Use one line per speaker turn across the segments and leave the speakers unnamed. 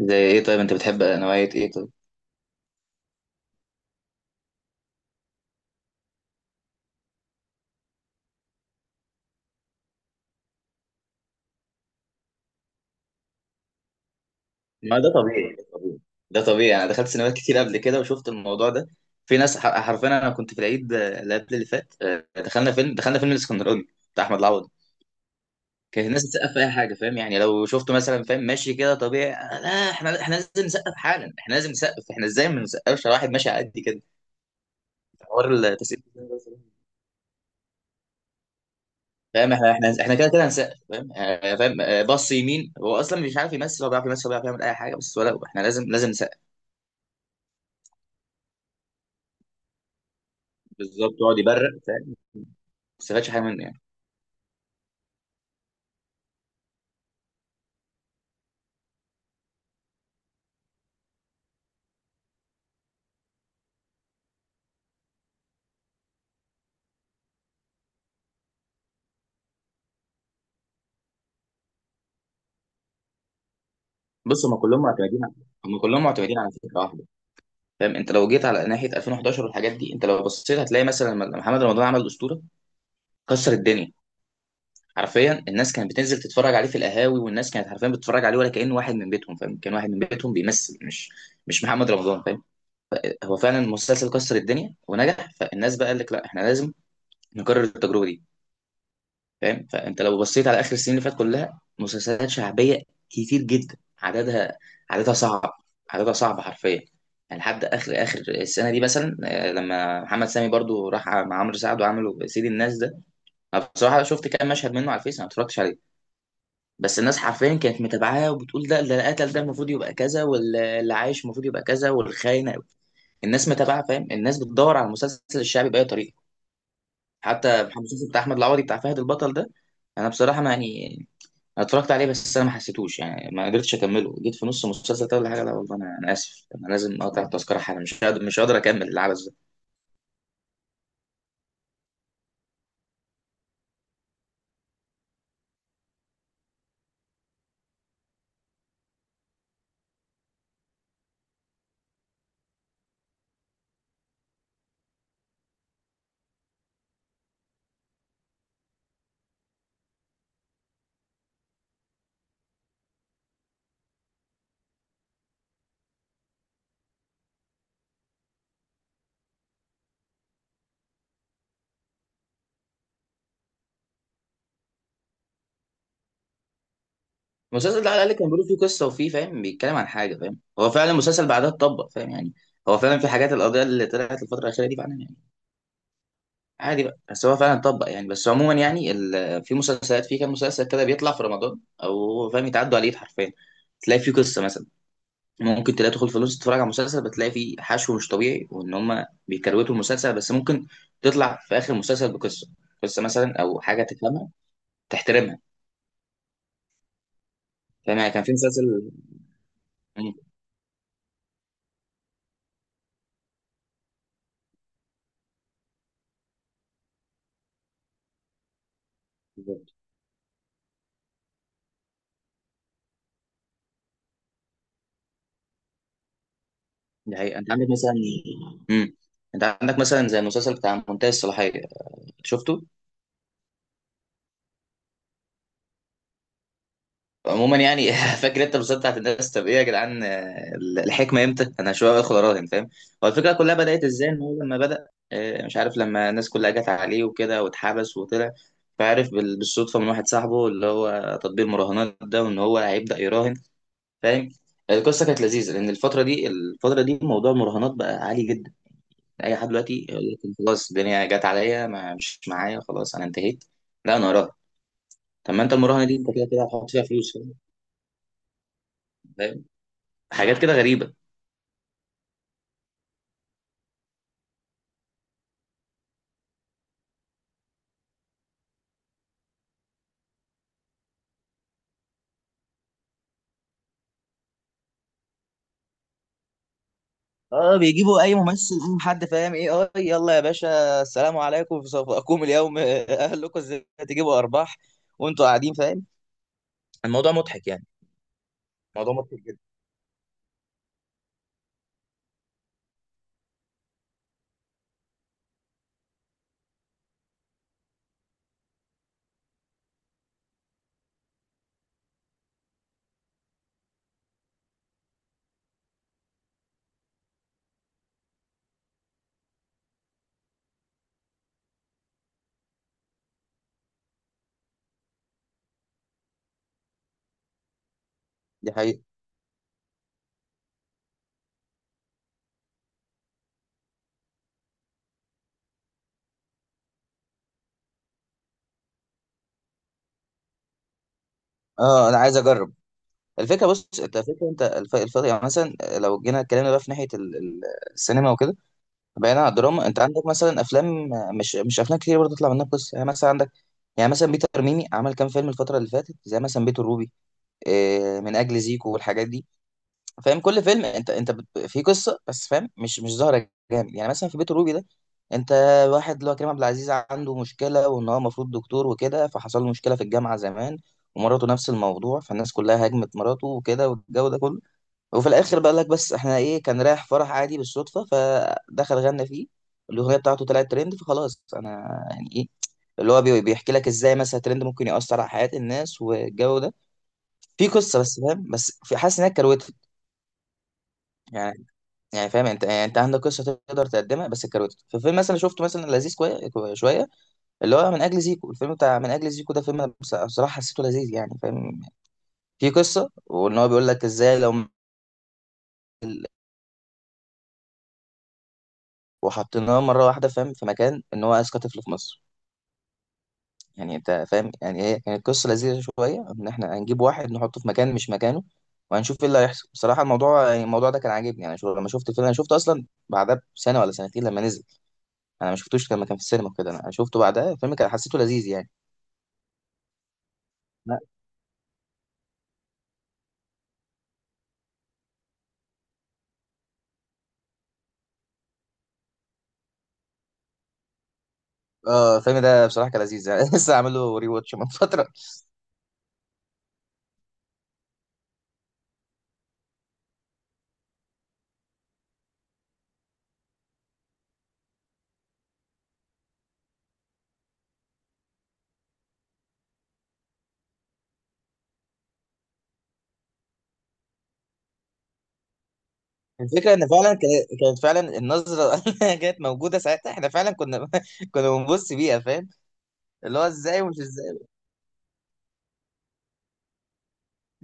زي ايه طيب؟ انت بتحب نوعية ايه طيب؟ ما ده طبيعي، ده طبيعي. انا دخلت سينمات كتير قبل كده وشفت الموضوع ده. في ناس حرفيا انا كنت في العيد، اللي قبل اللي فات، دخلنا فيلم الاسكندراني بتاع احمد العوضي. كان الناس بتسقف في اي حاجه، فاهم؟ يعني لو شفته مثلا فاهم ماشي كده طبيعي، لا احنا لازم نسقف حالا، احنا لازم نسقف، احنا ازاي ما نسقفش على واحد ماشي على قد كده؟ حوار التسقيف ده، فاهم؟ احنا كده كده هنسقف، فاهم؟ فاهم؟ بص يمين، هو اصلا مش عارف يمثل، هو بيعرف يمثل، هو بيعرف يعمل اي حاجه، بس ولا احنا لازم نسقف. بالظبط، يقعد يبرق، فاهم؟ ما استفادش حاجه منه يعني. بص، هم كلهم معتمدين على فكره واحده. فاهم؟ انت لو جيت على ناحيه 2011 والحاجات دي، انت لو بصيت هتلاقي مثلا لما محمد رمضان عمل اسطوره، كسر الدنيا. حرفيا الناس كانت بتنزل تتفرج عليه في القهاوي، والناس كانت حرفيا بتتفرج عليه ولا كأنه واحد من بيتهم. فاهم؟ كان واحد من بيتهم بيمثل، مش محمد رمضان، فاهم؟ هو فعلا المسلسل كسر الدنيا ونجح، فالناس بقى قال لك لا احنا لازم نكرر التجربه دي. فاهم؟ فانت لو بصيت على اخر السنين اللي فاتت كلها مسلسلات شعبيه كتير جدا. عددها، عددها صعب، عددها صعب حرفيا. يعني لحد اخر السنه دي مثلا، لما محمد سامي برضو راح مع عمرو سعد وعملوا سيد الناس ده. انا بصراحه شفت كام مشهد منه على الفيس، أنا ما اتفرجتش عليه. بس الناس حرفيا كانت متابعاه وبتقول ده اللي قتل، ده المفروض يبقى كذا، واللي عايش المفروض يبقى كذا، والخاينه. الناس متابعه، فاهم؟ الناس بتدور على المسلسل الشعبي باي طريقه. حتى المسلسل بتاع احمد العوضي، بتاع فهد البطل ده، انا بصراحه ما يعني، أنا اتفرجت عليه بس انا ما حسيتوش يعني، ما قدرتش اكمله، جيت في نص المسلسل ده ولا حاجه، لا والله، انا اسف، انا لازم اقطع التذكره حالا، مش قادر اكمل العبث ده. المسلسل ده على الاقل كان بيقول فيه قصه وفيه، فاهم؟ بيتكلم عن حاجه، فاهم؟ هو فعلا المسلسل بعدها اتطبق، فاهم يعني؟ هو فعلا في حاجات، القضيه اللي طلعت الفتره الاخيره دي فعلا يعني عادي بقى، بس هو فعلا اتطبق يعني. بس عموما يعني في مسلسلات، في كام مسلسل كده بيطلع في رمضان او هو فاهم، يتعدوا على الايد حرفيا، تلاقي فيه قصه مثلا. ممكن تلاقي، تدخل في نص تتفرج على مسلسل، بتلاقي فيه حشو مش طبيعي، وان هم بيكروتوا المسلسل، بس ممكن تطلع في اخر المسلسل بقصه، قصه مثلا او حاجه تفهمها، تحترمها. فاهم يعني؟ كان في مسلسل، مم، بالظبط. دي حقيقة، انت عندك مثلا، مم. انت عندك مثلا زي المسلسل بتاع منتهي الصلاحيه، شفته؟ عموما يعني فاكر انت بالظبط بتاعت الناس، طب ايه يا جدعان، الحكمه امتى؟ انا شويه ادخل اراهن، فاهم؟ هو الفكره كلها بدات ازاي، ان هو لما بدا، مش عارف، لما الناس كلها جت عليه وكده واتحبس وطلع، فعرف بالصدفه من واحد صاحبه اللي هو تطبيق المراهنات ده، وان هو هيبدا يراهن. فاهم؟ القصه كانت لذيذه، لان الفتره دي، الفتره دي موضوع المراهنات بقى عالي جدا. اي حد دلوقتي يقول لك خلاص الدنيا جت عليا، ما مش معايا، خلاص انا انتهيت، لا انا اراهن. طب ما انت المراهنه دي انت كده كده هتحط فيها فلوس، فاهم؟ حاجات كده غريبة. اه بيجيبوا اي ممثل أم حد فاهم ايه، اه يلا يا باشا السلام عليكم، في صفاكم اليوم اهلكم، ازاي تجيبوا ارباح وانتوا قاعدين، فاهم؟ الموضوع مضحك يعني. الموضوع مضحك جدا. دي حقيقة. اه انا عايز اجرب. الفكره، بص، انت الفكره، انت يعني مثلا لو جينا اتكلمنا بقى في ناحيه السينما وكده، بعيدا عن الدراما، انت عندك مثلا افلام، مش مش افلام كتير برضه تطلع منها قصه، يعني مثلا عندك، يعني مثلا بيتر ميمي عمل كام فيلم الفتره اللي فاتت، زي مثلا بيت الروبي، من اجل زيكو والحاجات دي. فاهم؟ كل فيلم في قصه بس، فاهم؟ مش مش ظاهره جامد. يعني مثلا في بيت الروبي ده، انت واحد اللي هو كريم عبد العزيز عنده مشكله، وان هو المفروض دكتور وكده، فحصل له مشكله في الجامعه زمان، ومراته نفس الموضوع، فالناس كلها هاجمت مراته وكده والجو ده كله. وفي الاخر بقى لك بس احنا ايه، كان رايح فرح عادي بالصدفه، فدخل غنى فيه، الاغنيه بتاعته طلعت ترند، فخلاص انا يعني ايه، اللي هو بيحكي لك ازاي مثلا الترند ممكن يأثر على حياه الناس والجو ده. في قصه بس، فاهم؟ بس في حاسس انها كروته. يعني فاهم؟ انت يعني انت عندك قصه تقدر تقدمها، بس الكروت في فيلم مثلا شفته مثلا لذيذ، شويه، اللي هو من اجل زيكو، الفيلم بتاع من اجل زيكو ده، فيلم أنا بصراحه حسيته لذيذ يعني. فاهم؟ في قصه، وان هو بيقول لك ازاي لو وحطيناه مره واحده، فاهم؟ في مكان ان هو اذكى طفل في مصر. يعني انت فاهم يعني ايه؟ كانت قصه لذيذه شويه، ان احنا هنجيب واحد نحطه في مكان مش مكانه، وهنشوف ايه اللي هيحصل. بصراحه الموضوع يعني الموضوع ده كان عاجبني يعني. شو لما شفت الفيلم، انا شفته اصلا بعدها بسنه ولا سنتين لما نزل، انا ما شفتوش لما كان في السينما كده، انا شفته بعدها، الفيلم كان حسيته لذيذ يعني. اه الفيلم ده بصراحه كان لذيذ يعني، لسه عامل له ري واتش من فتره. الفكره ان فعلا كانت فعلا النظره اللي كانت موجوده ساعتها احنا فعلا كنا كنا بنبص بيها، فاهم؟ اللي هو ازاي ومش ازاي.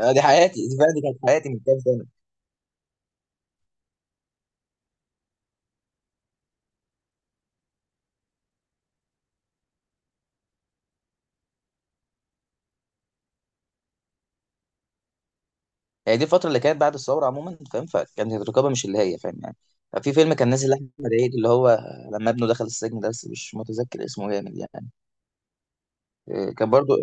دي حياتي، دي فعلا دي كانت حياتي من كام سنه. هي دي الفتره اللي كانت بعد الثوره عموما، فاهم؟ فكانت الرقابه مش اللي هي، فاهم يعني؟ في فيلم كان نازل لاحمد عيد، اللي هو لما ابنه دخل السجن ده، بس مش متذكر اسمه، جامد يعني. كان برضو.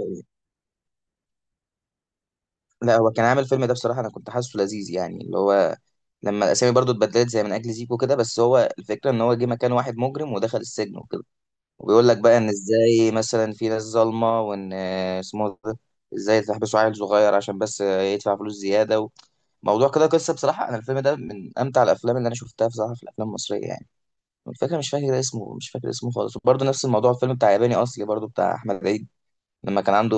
لا هو كان عامل الفيلم ده بصراحة، أنا كنت حاسه لذيذ يعني، اللي هو لما الأسامي برضو اتبدلت زي من أجل زيكو كده. بس هو الفكرة إن هو جه مكان واحد مجرم ودخل السجن وكده، وبيقول لك بقى إن إزاي مثلا في ناس ظالمة، وإن، اسمه ده، إزاي تحبسوا عيل صغير عشان بس، يدفع فلوس زيادة و... موضوع كده قصة. بصراحة أنا الفيلم ده من أمتع الأفلام اللي أنا شفتها بصراحة في الأفلام المصرية يعني. الفكرة، مش فاكر اسمه، مش فاكر اسمه خالص. وبرضه نفس الموضوع الفيلم بتاع ياباني أصلي، برضه بتاع أحمد عيد، لما كان عنده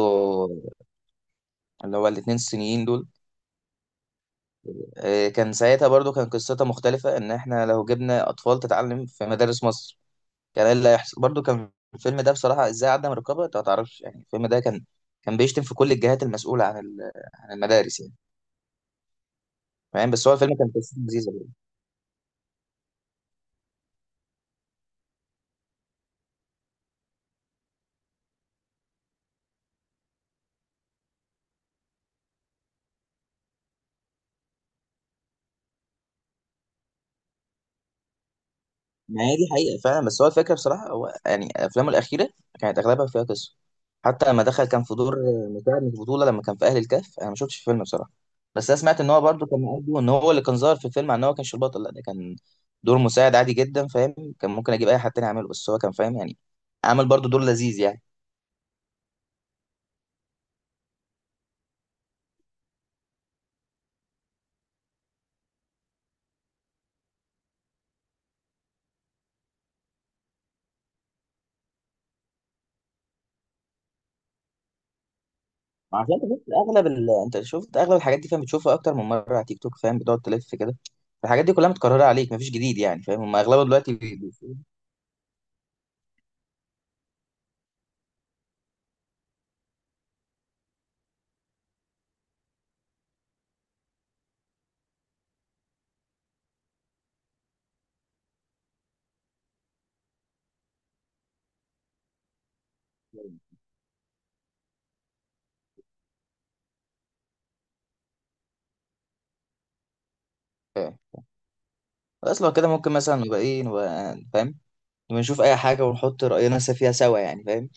اللي هو الاتنين الصينيين دول. كان ساعتها برضو كان قصتها مختلفة، إن إحنا لو جبنا أطفال تتعلم في مدارس مصر، كان إيه اللي هيحصل. برضو كان الفيلم ده بصراحة، إزاي عدم الرقابة، أنت ما تعرفش يعني، الفيلم ده كان، كان بيشتم في كل الجهات المسؤولة عن عن المدارس يعني. فاهم؟ بس هو الفيلم كان قصته لذيذة. ما هي دي حقيقة فعلا. بس هو الفكرة بصراحة، هو يعني أفلامه الأخيرة كانت أغلبها فيها قصة. حتى لما دخل كان في دور مساعد في البطولة، لما كان في أهل الكهف، أنا ما شفتش الفيلم بصراحة، بس أنا سمعت إن هو برضه كان مقضي، إن هو اللي كان ظاهر في الفيلم، عن إن هو كانش البطل، لا ده كان دور مساعد عادي جدا، فاهم؟ كان ممكن أجيب أي حد تاني يعمله، بس هو كان فاهم يعني، عمل برضه دور لذيذ يعني. عشان انت شفت اغلب انت شفت اغلب الحاجات دي، فاهم؟ بتشوفها اكتر من مره على تيك توك، فاهم؟ بتقعد تلف كده، الحاجات دي كلها متكرره عليك، مفيش جديد يعني. فاهم؟ هم اغلبها دلوقتي بي- خلاص لو كده ممكن مثلا نبقى ايه، نبقى فاهم، نبقى نشوف اي حاجة ونحط رأينا فيها سوا يعني. فاهم؟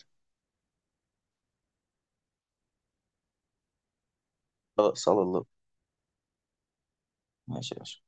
خلاص على الله. ماشي يا باشا.